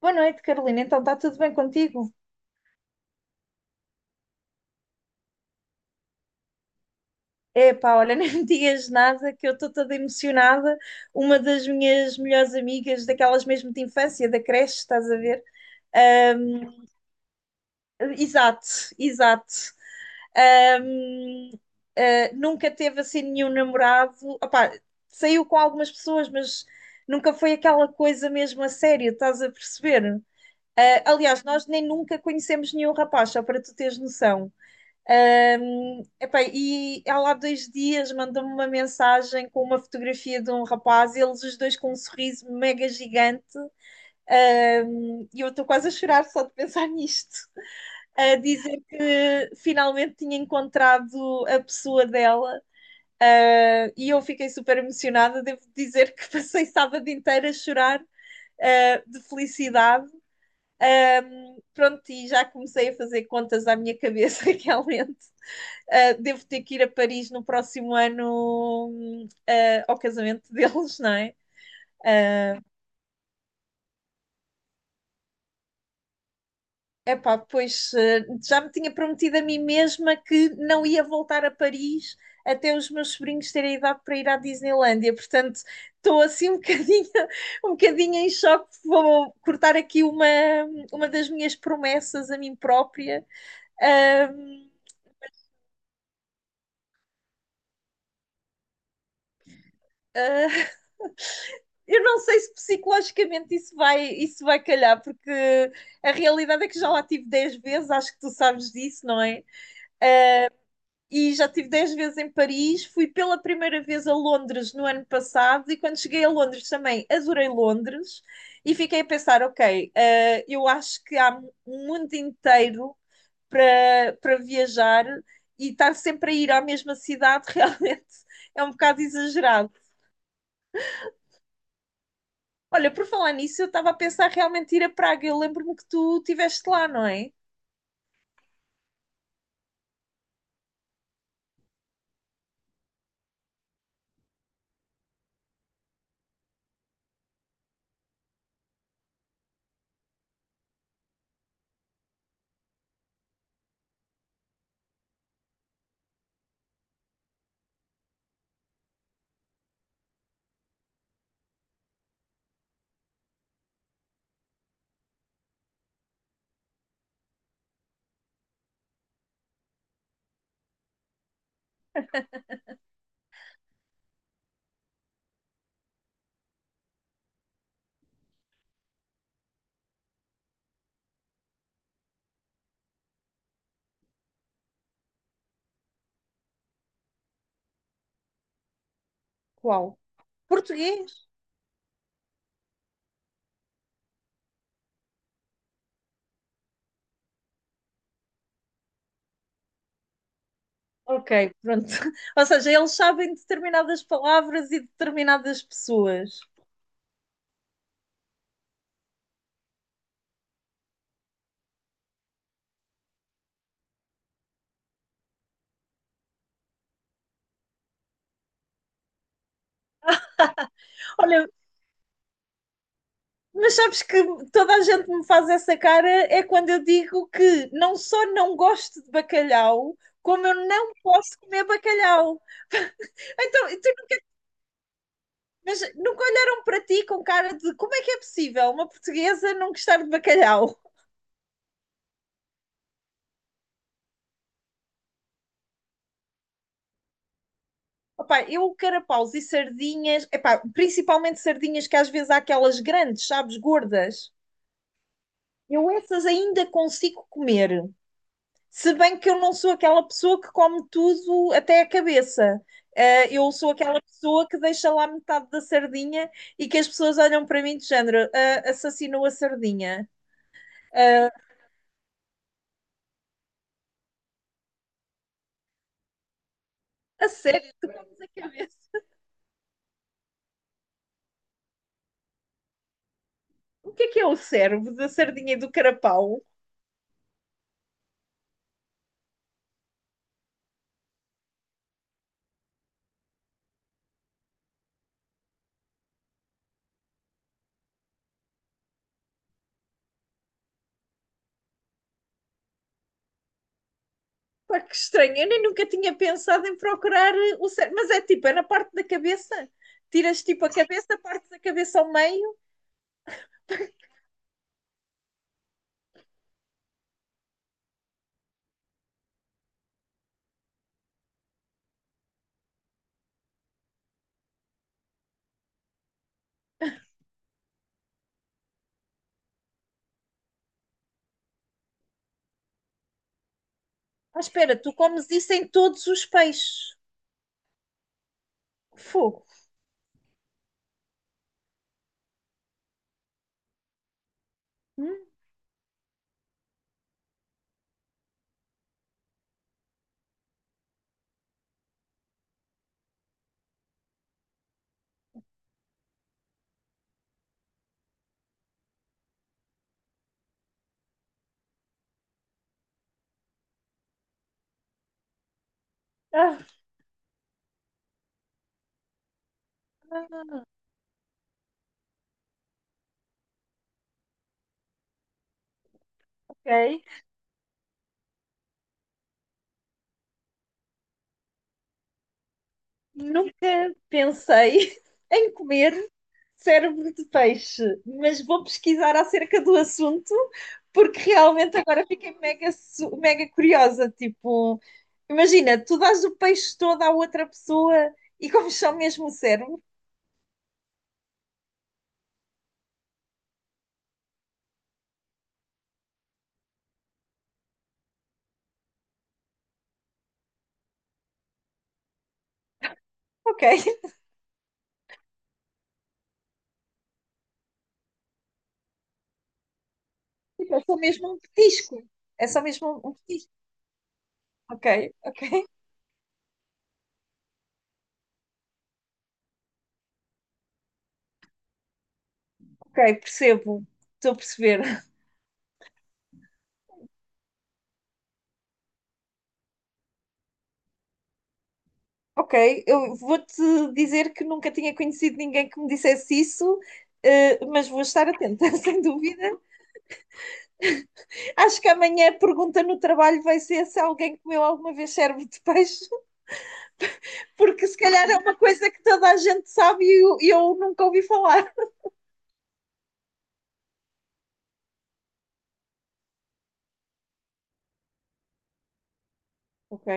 Boa noite, Carolina. Então, está tudo bem contigo? Epá, olha, nem me digas nada que eu estou toda emocionada. Uma das minhas melhores amigas, daquelas mesmo de infância, da creche, estás a ver? Ahm, Exato, exato. Ahm, Nunca teve assim nenhum namorado. Opá, saiu com algumas pessoas, mas nunca foi aquela coisa mesmo a sério, estás a perceber? Ah, aliás, nós nem nunca conhecemos nenhum rapaz, só para tu teres noção. Epá, e ela há dois dias mandou-me uma mensagem com uma fotografia de um rapaz, eles os dois com um sorriso mega gigante, e eu estou quase a chorar só de pensar nisto, a dizer que finalmente tinha encontrado a pessoa dela, e eu fiquei super emocionada. Devo dizer que passei sábado inteiro a chorar, de felicidade. Pronto, e já comecei a fazer contas à minha cabeça realmente. Devo ter que ir a Paris no próximo ano, ao casamento deles, não é? Epá, pois, já me tinha prometido a mim mesma que não ia voltar a Paris até os meus sobrinhos terem idade para ir à Disneylandia, portanto estou assim um bocadinho, um bocadinho em choque, vou cortar aqui uma das minhas promessas a mim própria. Uh, uh, eu não sei se psicologicamente isso vai calhar, porque a realidade é que já lá tive 10 vezes, acho que tu sabes disso, não é? E já tive 10 vezes em Paris, fui pela primeira vez a Londres no ano passado e quando cheguei a Londres também adorei Londres e fiquei a pensar, ok, eu acho que há um mundo inteiro para viajar e estar sempre a ir à mesma cidade realmente é um bocado exagerado. Olha, por falar nisso, eu estava a pensar realmente ir a Praga. Eu lembro-me que tu estiveste lá, não é? Qual? Português? Ok, pronto. Ou seja, eles sabem determinadas palavras e determinadas pessoas. Olha, mas sabes que toda a gente me faz essa cara é quando eu digo que não só não gosto de bacalhau, como eu não posso comer bacalhau. Então, tu, mas nunca olharam para ti com cara de como é que é possível uma portuguesa não gostar de bacalhau? Opá, eu carapaus e sardinhas, epá, principalmente sardinhas que às vezes há aquelas grandes, sabes, gordas. Eu essas ainda consigo comer. Se bem que eu não sou aquela pessoa que come tudo até a cabeça. Ah, eu sou aquela pessoa que deixa lá metade da sardinha e que as pessoas olham para mim de género, "Ah, assassinou a sardinha." Ah, a sério, tu comes a cabeça. O que é o cérebro da sardinha e do carapau? Pá, que estranho. Eu nem nunca tinha pensado em procurar o cérebro. Mas é tipo, é na parte da cabeça. Tiras tipo a cabeça, partes a cabeça ao meio. Ah, espera, tu comes isso em todos os peixes. Fogo. Hum? Ah, ah, ok. Nunca pensei em comer cérebro de peixe, mas vou pesquisar acerca do assunto porque realmente agora fiquei mega, su- mega curiosa. Tipo, imagina, tu dás o peixe todo à outra pessoa e comes só mesmo o cérebro? Ok. Tipo, é só mesmo um petisco. É só mesmo um petisco. Ok, ok, ok, percebo. Estou a perceber. Ok, eu vou-te dizer que nunca tinha conhecido ninguém que me dissesse isso, mas vou estar atenta, sem dúvida. Acho que amanhã a pergunta no trabalho vai ser se alguém comeu alguma vez cérebro de peixe, porque se calhar é uma coisa que toda a gente sabe e eu nunca ouvi falar. Ok,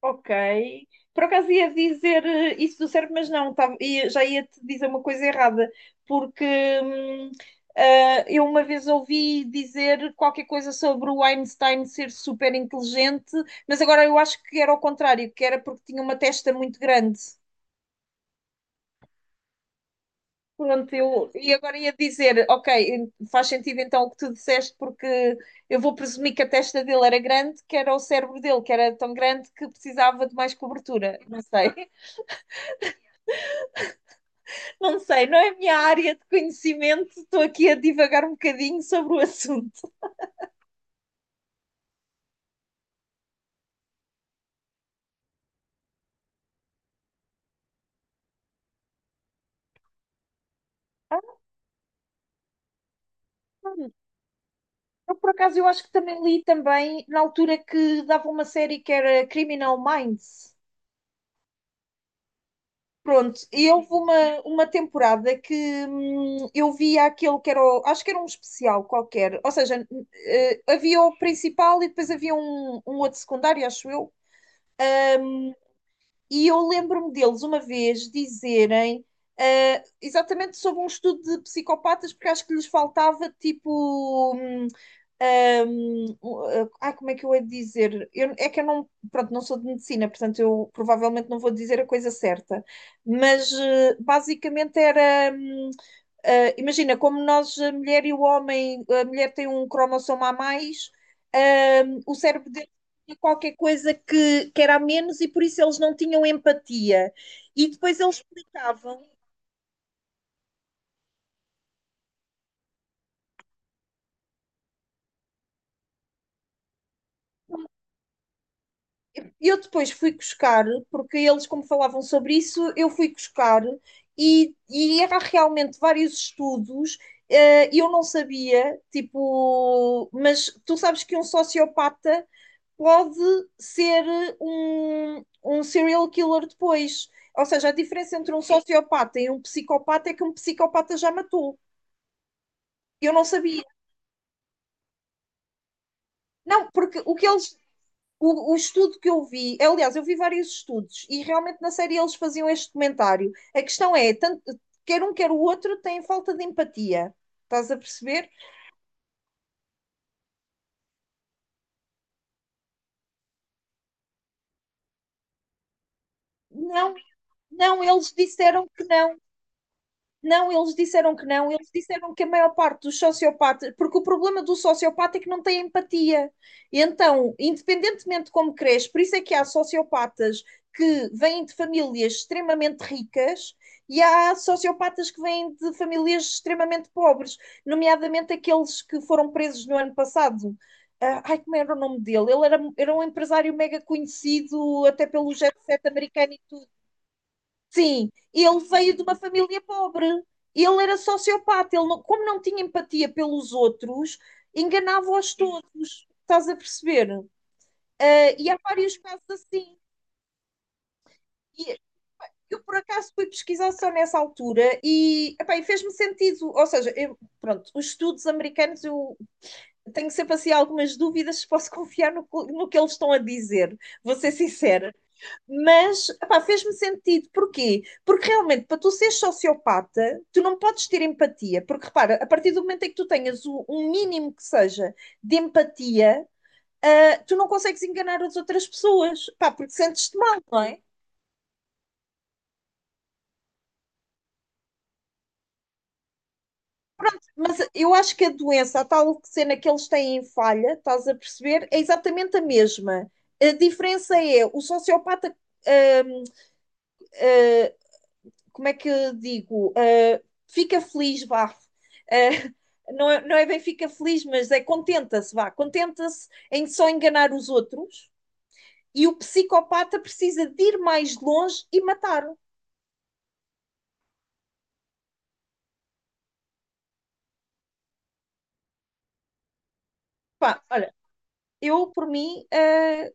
ok. Por acaso ia dizer, isso do cérebro, mas não, já ia-te dizer uma coisa errada, porque hum, eu uma vez ouvi dizer qualquer coisa sobre o Einstein ser super inteligente, mas agora eu acho que era ao contrário, que era porque tinha uma testa muito grande. Pronto, eu, e agora ia dizer, ok, faz sentido então o que tu disseste, porque eu vou presumir que a testa dele era grande, que era o cérebro dele, que era tão grande que precisava de mais cobertura. Não sei, não sei, não é a minha área de conhecimento, estou aqui a divagar um bocadinho sobre o assunto. Ah, eu, por acaso, eu acho que também li também na altura que dava uma série que era Criminal Minds. Pronto, e houve uma temporada que eu via aquele que era, acho que era um especial qualquer, ou seja, havia o principal e depois havia um, um outro secundário, acho eu. E eu lembro-me deles uma vez dizerem, ah, exatamente sobre um estudo de psicopatas, porque acho que lhes faltava tipo. Como é que eu hei de dizer? É que eu não, pronto, não sou de medicina, portanto eu provavelmente não vou dizer a coisa certa, mas basicamente era. Imagina, como nós, a mulher e o homem, a mulher tem um cromossomo a mais, o cérebro deles tinha qualquer coisa que era a menos e por isso eles não tinham empatia. E depois eles explicavam. Eu depois fui buscar, porque eles, como falavam sobre isso, eu fui buscar e era realmente vários estudos. E eu não sabia, tipo, mas tu sabes que um sociopata pode ser, um serial killer depois. Ou seja, a diferença entre um sociopata e um psicopata é que um psicopata já matou. Eu não sabia. Não, porque o que eles. O estudo que eu vi, aliás, eu vi vários estudos e realmente na série eles faziam este comentário. A questão é, tanto, quer um quer o outro têm falta de empatia. Estás a perceber? Não, não, eles disseram que não. Não, eles disseram que não, eles disseram que a maior parte dos sociopatas, porque o problema do sociopata é que não tem empatia. E então, independentemente de como cresce, por isso é que há sociopatas que vêm de famílias extremamente ricas e há sociopatas que vêm de famílias extremamente pobres, nomeadamente aqueles que foram presos no ano passado. Ah, ai, como era o nome dele? Ele era um empresário mega conhecido, até pelo jet set americano. E sim, ele veio de uma família pobre. Ele era sociopata. Ele não- Como não tinha empatia pelos outros, enganava-os todos. Estás a perceber? Ah, e há vários casos assim. E eu, por acaso, fui pesquisar só nessa altura e, epá, e fez-me sentido. Ou seja, pronto, os estudos americanos, eu tenho sempre assim algumas dúvidas se posso confiar no, no que eles estão a dizer. Vou ser sincera. Mas, epá, fez-me sentido. Porquê? Porque realmente, para tu seres sociopata, tu não podes ter empatia. Porque, repara, a partir do momento em que tu tenhas um mínimo que seja de empatia, tu não consegues enganar as outras pessoas. Pá, porque sentes-te mal, não é? Mas eu acho que a doença, a tal cena que eles têm em falha, estás a perceber, é exatamente a mesma. A diferença é o sociopata, hum, como é que eu digo? Fica feliz, vá. Não, é, não é bem fica feliz, mas é contenta-se, vá. Contenta-se em só enganar os outros e o psicopata precisa de ir mais longe e matar-o. Pá, olha, eu, por mim,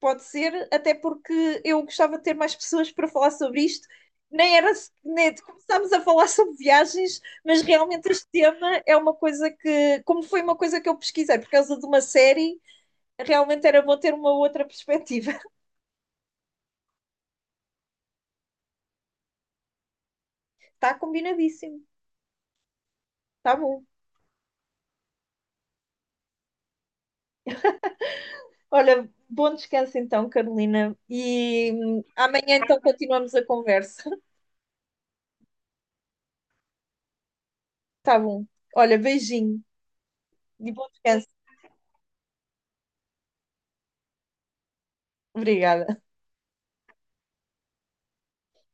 pode ser, até porque eu gostava de ter mais pessoas para falar sobre isto. Nem era. Nem, começámos a falar sobre viagens, mas realmente este tema é uma coisa que. Como foi uma coisa que eu pesquisei por causa de uma série, realmente era bom ter uma outra perspectiva. Está combinadíssimo, está bom. Olha, bom descanso então, Carolina, e amanhã então continuamos a conversa. Está bom. Olha, beijinho e bom descanso. Obrigada.